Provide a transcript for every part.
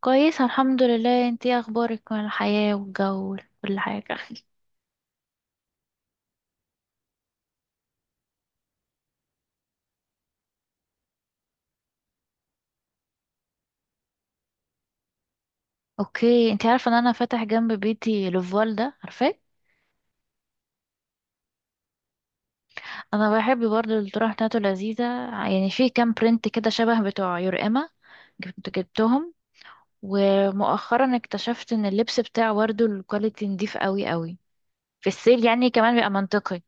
كويسة، الحمد لله. انتي ايه اخبارك من الحياة والجو وكل حاجة؟ اوكي، انتي عارفة ان انا فاتح جنب بيتي لوفال ده؟ عارفاه؟ انا بحب برضه، الطرح بتاعته لذيذة. يعني في كام برنت كده شبه بتوع يورقما جبتهم. ومؤخرا اكتشفت ان اللبس بتاعه برضه الكواليتي نضيف قوي قوي. في السيل يعني كمان بيبقى منطقي.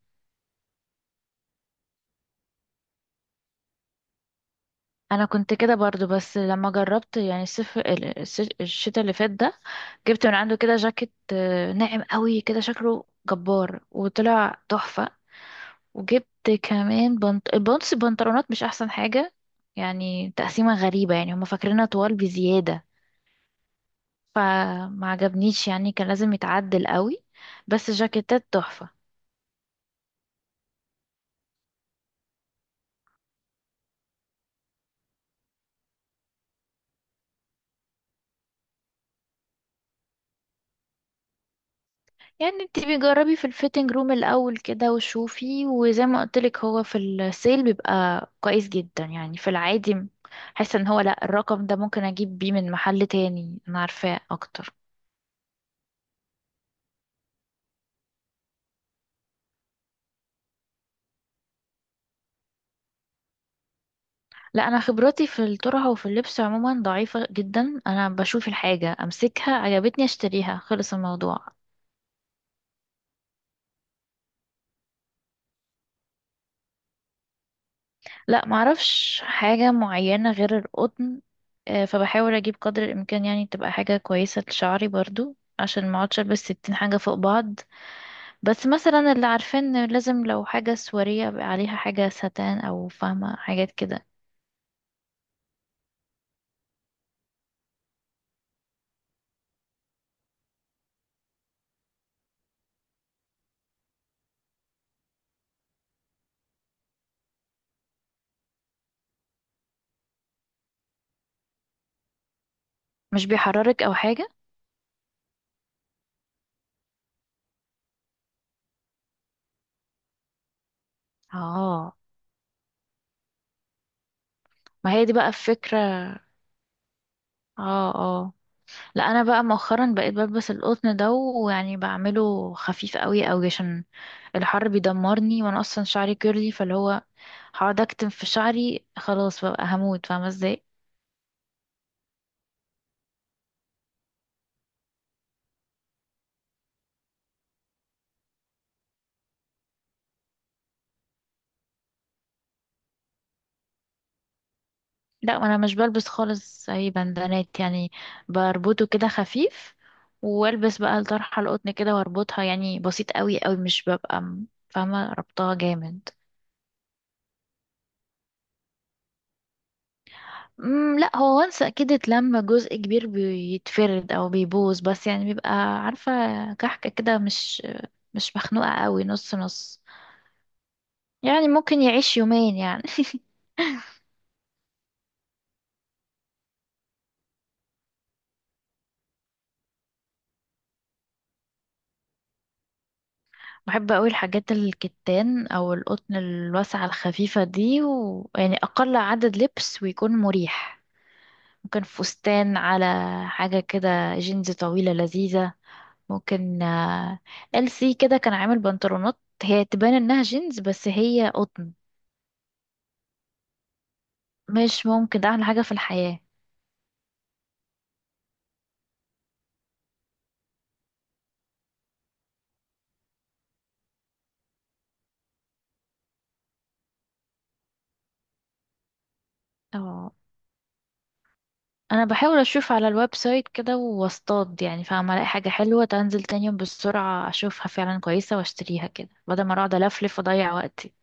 انا كنت كده برضو، بس لما جربت يعني الصيف الشتاء اللي فات ده. جبت من عنده كده جاكيت ناعم قوي كده، شكله جبار وطلع تحفة. وجبت كمان بنط البنطس البنطلونات، مش احسن حاجة. يعني تقسيمة غريبة، يعني هما فاكرينها طوال بزيادة. فما عجبنيش، يعني كان لازم يتعدل قوي. بس جاكيتات تحفة. يعني انت بيجربي في الفيتنج روم الاول كده وشوفي، وزي ما قلتلك، هو في السيل بيبقى كويس جدا يعني، في العادي. حاسه ان هو، لا، الرقم ده ممكن اجيب بيه من محل تاني انا عارفاه اكتر. لا، انا خبرتي في الطرحه وفي اللبس عموما ضعيفه جدا. انا بشوف الحاجه، امسكها، عجبتني، اشتريها، خلص الموضوع. لا، معرفش حاجه معينه غير القطن. فبحاول اجيب قدر الامكان يعني تبقى حاجه كويسه لشعري برضو، عشان ما اقعدش البس ستين حاجه فوق بعض. بس مثلا اللي عارفين إن لازم لو حاجة سواريه يبقى عليها حاجة ستان، أو فاهمة حاجات كده. مش بيحررك أو حاجة؟ اه. ما هي دي بقى الفكرة. اه، اه. لا، أنا بقى مؤخرا بقيت بلبس القطن ده، ويعني بعمله خفيف قوي قوي عشان الحر بيدمرني، وأنا أصلا شعري كيرلي، فاللي هو هقعد أكتم في شعري، خلاص بقى هموت، فاهمة ازاي؟ لا، انا مش بلبس خالص اي بندانات يعني. بربطه كده خفيف. والبس بقى الطرحه القطن كده واربطها، يعني بسيط قوي قوي، مش ببقى فاهمه، ربطها جامد. لا، هو وانس اكيد اتلم جزء كبير بيتفرد او بيبوظ، بس يعني بيبقى، عارفه، كحكه كده، مش مخنوقه قوي، نص نص. يعني ممكن يعيش يومين يعني. بحب قوي الحاجات الكتان او القطن الواسعه الخفيفه دي، ويعني اقل عدد لبس ويكون مريح. ممكن فستان على حاجة كده. جينز طويلة لذيذة. ممكن، ال سي كده كان عامل بنطلونات، هي تبان انها جينز بس هي قطن. مش ممكن، ده احلى حاجة في الحياة. اه. انا بحاول اشوف على الويب سايت كده واصطاد، يعني فاهمة، الاقي حاجة حلوة تنزل تاني يوم، بالسرعة اشوفها فعلا كويسة واشتريها كده، بدل ما اقعد الفلف واضيع وقتي.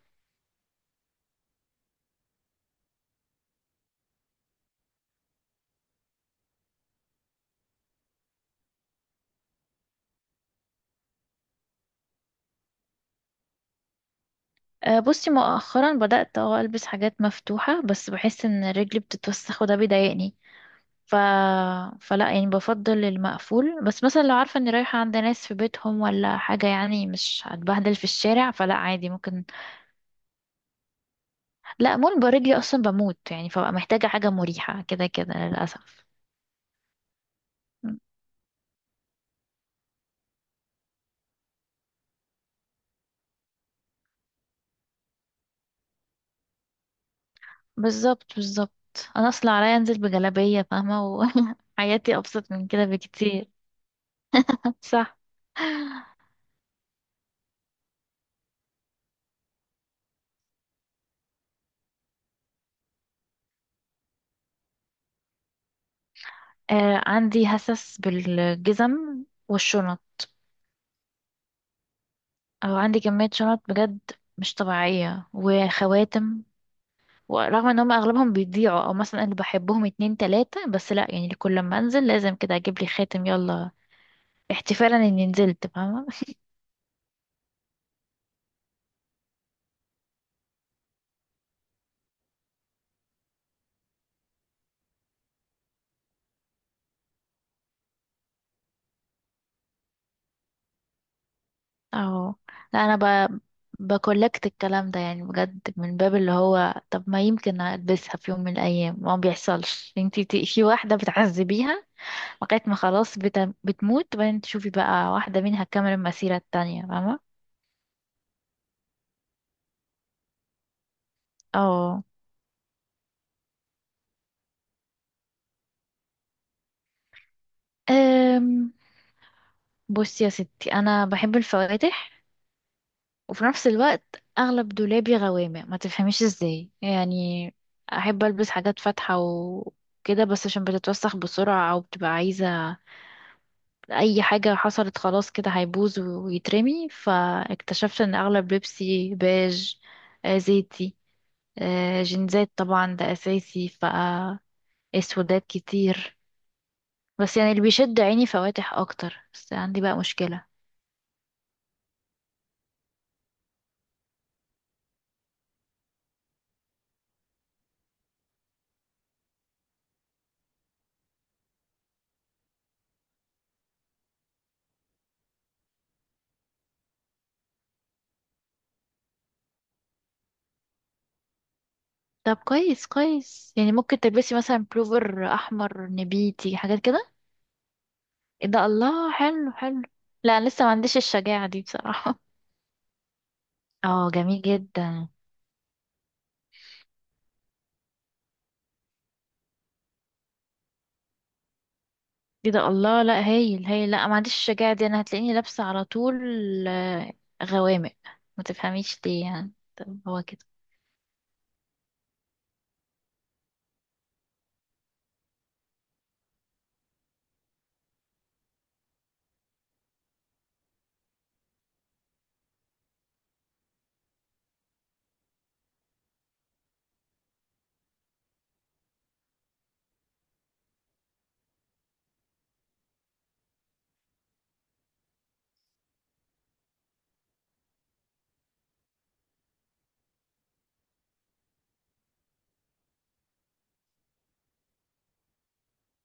بصي مؤخرا بدأت البس حاجات مفتوحة، بس بحس ان رجلي بتتوسخ، وده بيضايقني. ف... فلا يعني بفضل المقفول، بس مثلا لو عارفة اني رايحة عند ناس في بيتهم ولا حاجة يعني مش هتبهدل في الشارع، فلا عادي ممكن. لا، مول رجلي اصلا بموت يعني، فبقى محتاجة حاجة مريحة كده كده، للأسف. بالظبط، بالظبط. انا اصلا عليا انزل بجلابية فاهمة. وحياتي ابسط من كده بكتير. صح. عندي هسس بالجزم والشنط. او عندي كمية شنط بجد، مش طبيعية، وخواتم. ورغم ان هم اغلبهم بيضيعوا، او مثلا انا بحبهم اتنين تلاتة بس، لا يعني كل ما انزل لازم كده اجيب لي خاتم يلا، احتفالا اني نزلت فاهمة. اهو. لا، انا ب... بكولكت الكلام ده، يعني بجد من باب اللي هو، طب ما يمكن البسها في يوم من الايام، ما بيحصلش انتي في واحدة بتعذبيها لغاية ما خلاص بتموت، بعدين تشوفي بقى واحدة منها كامل المسيرة التانية، فاهمة. اه. أم... بصي يا ستي، انا بحب الفواتح. وفي نفس الوقت اغلب دولابي غوامق، ما تفهميش ازاي يعني. احب البس حاجات فاتحه وكده، بس عشان بتتوسخ بسرعه او بتبقى عايزه، اي حاجه حصلت خلاص كده هيبوظ ويترمي، فاكتشفت ان اغلب لبسي بيج، زيتي، جينزات طبعا ده اساسي، ف اسودات كتير، بس يعني اللي بيشد عيني فواتح اكتر، بس عندي بقى مشكله. طب كويس كويس، يعني ممكن تلبسي مثلا بلوفر احمر نبيتي، حاجات كده. إيه ده، الله، حلو حلو. لا، أنا لسه ما عنديش الشجاعة دي بصراحة. اه، جميل جدا. ايه ده، الله، لا، هايل هايل. لا، ما عنديش الشجاعة دي، انا هتلاقيني لابسة على طول، آه، غوامق، ما تفهميش ليه يعني، طب هو كده.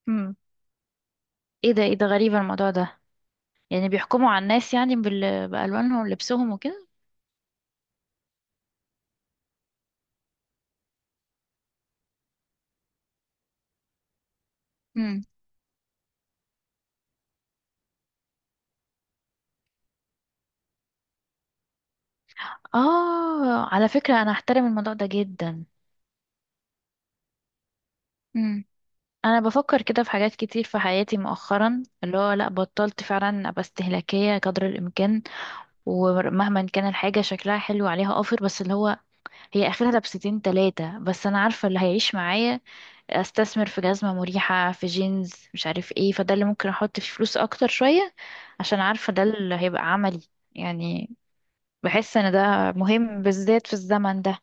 امم ايه ده، ايه ده، غريب الموضوع ده. يعني بيحكموا على الناس، يعني بألوانهم ولبسهم وكده. امم اه، على فكرة انا احترم الموضوع ده جدا. امم انا بفكر كده في حاجات كتير في حياتي مؤخرا، اللي هو لا، بطلت فعلا ابقى استهلاكية قدر الامكان. ومهما كان الحاجة شكلها حلو عليها اوفر، بس اللي هو هي اخرها لبستين تلاتة، بس انا عارفة اللي هيعيش معايا. استثمر في جزمة مريحة، في جينز مش عارف ايه، فده اللي ممكن احط فيه فلوس اكتر شوية، عشان عارفة ده اللي هيبقى عملي. يعني بحس ان ده مهم بالذات في الزمن ده.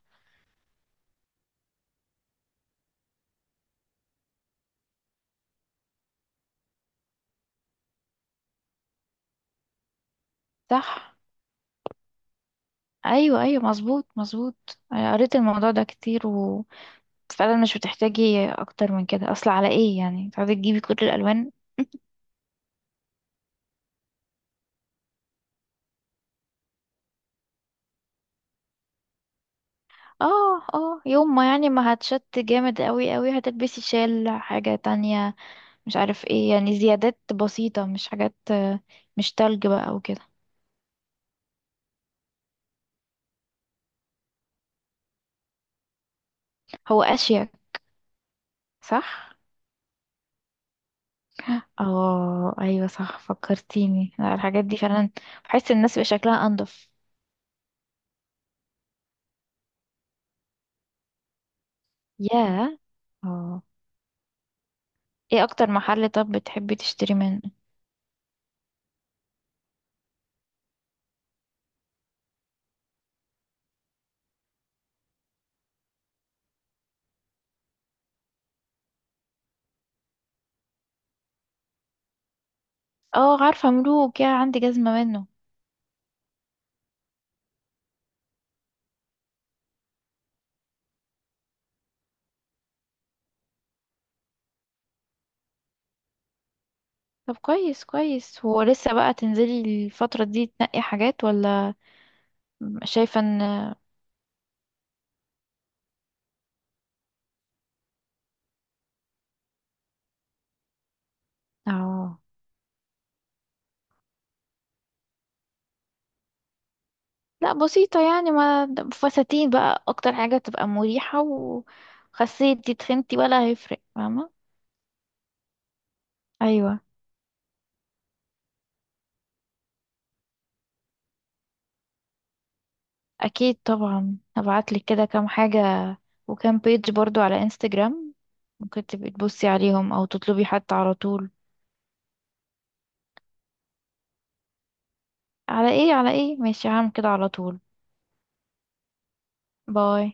صح. ايوه، ايوه، مظبوط، مظبوط، أنا قريت الموضوع ده كتير، وفعلا مش بتحتاجي اكتر من كده، اصل على ايه يعني تقعدي تجيبي كل الالوان؟ اه، اه، يوم ما يعني ما هتشت جامد قوي قوي هتلبسي شال، حاجة تانية، مش عارف ايه، يعني زيادات بسيطة، مش حاجات، مش تلج بقى وكده. هو اشيك. صح. اه، ايوه، صح، فكرتيني، لا، الحاجات دي فعلا بحس الناس بيبقى شكلها انضف. ياه. اه. ايه اكتر محل طب بتحبي تشتري منه؟ اه، عارفة ملوك، يا عندي جزمة منه. طب كويس كويس، هو لسه بقى تنزلي الفترة دي تنقي حاجات ولا؟ شايفة ان. اه. لا، بسيطة يعني، ما فساتين بقى اكتر حاجة تبقى مريحة، وخسيت دي تخنتي ولا هيفرق، فاهمة. ايوه. اكيد طبعا، هبعتلك كده كام حاجة، وكام بيج برضو على انستجرام، ممكن تبقي تبصي عليهم او تطلبي حتى على طول. على ايه، على ايه، ماشي، هعمل كده على طول. باي.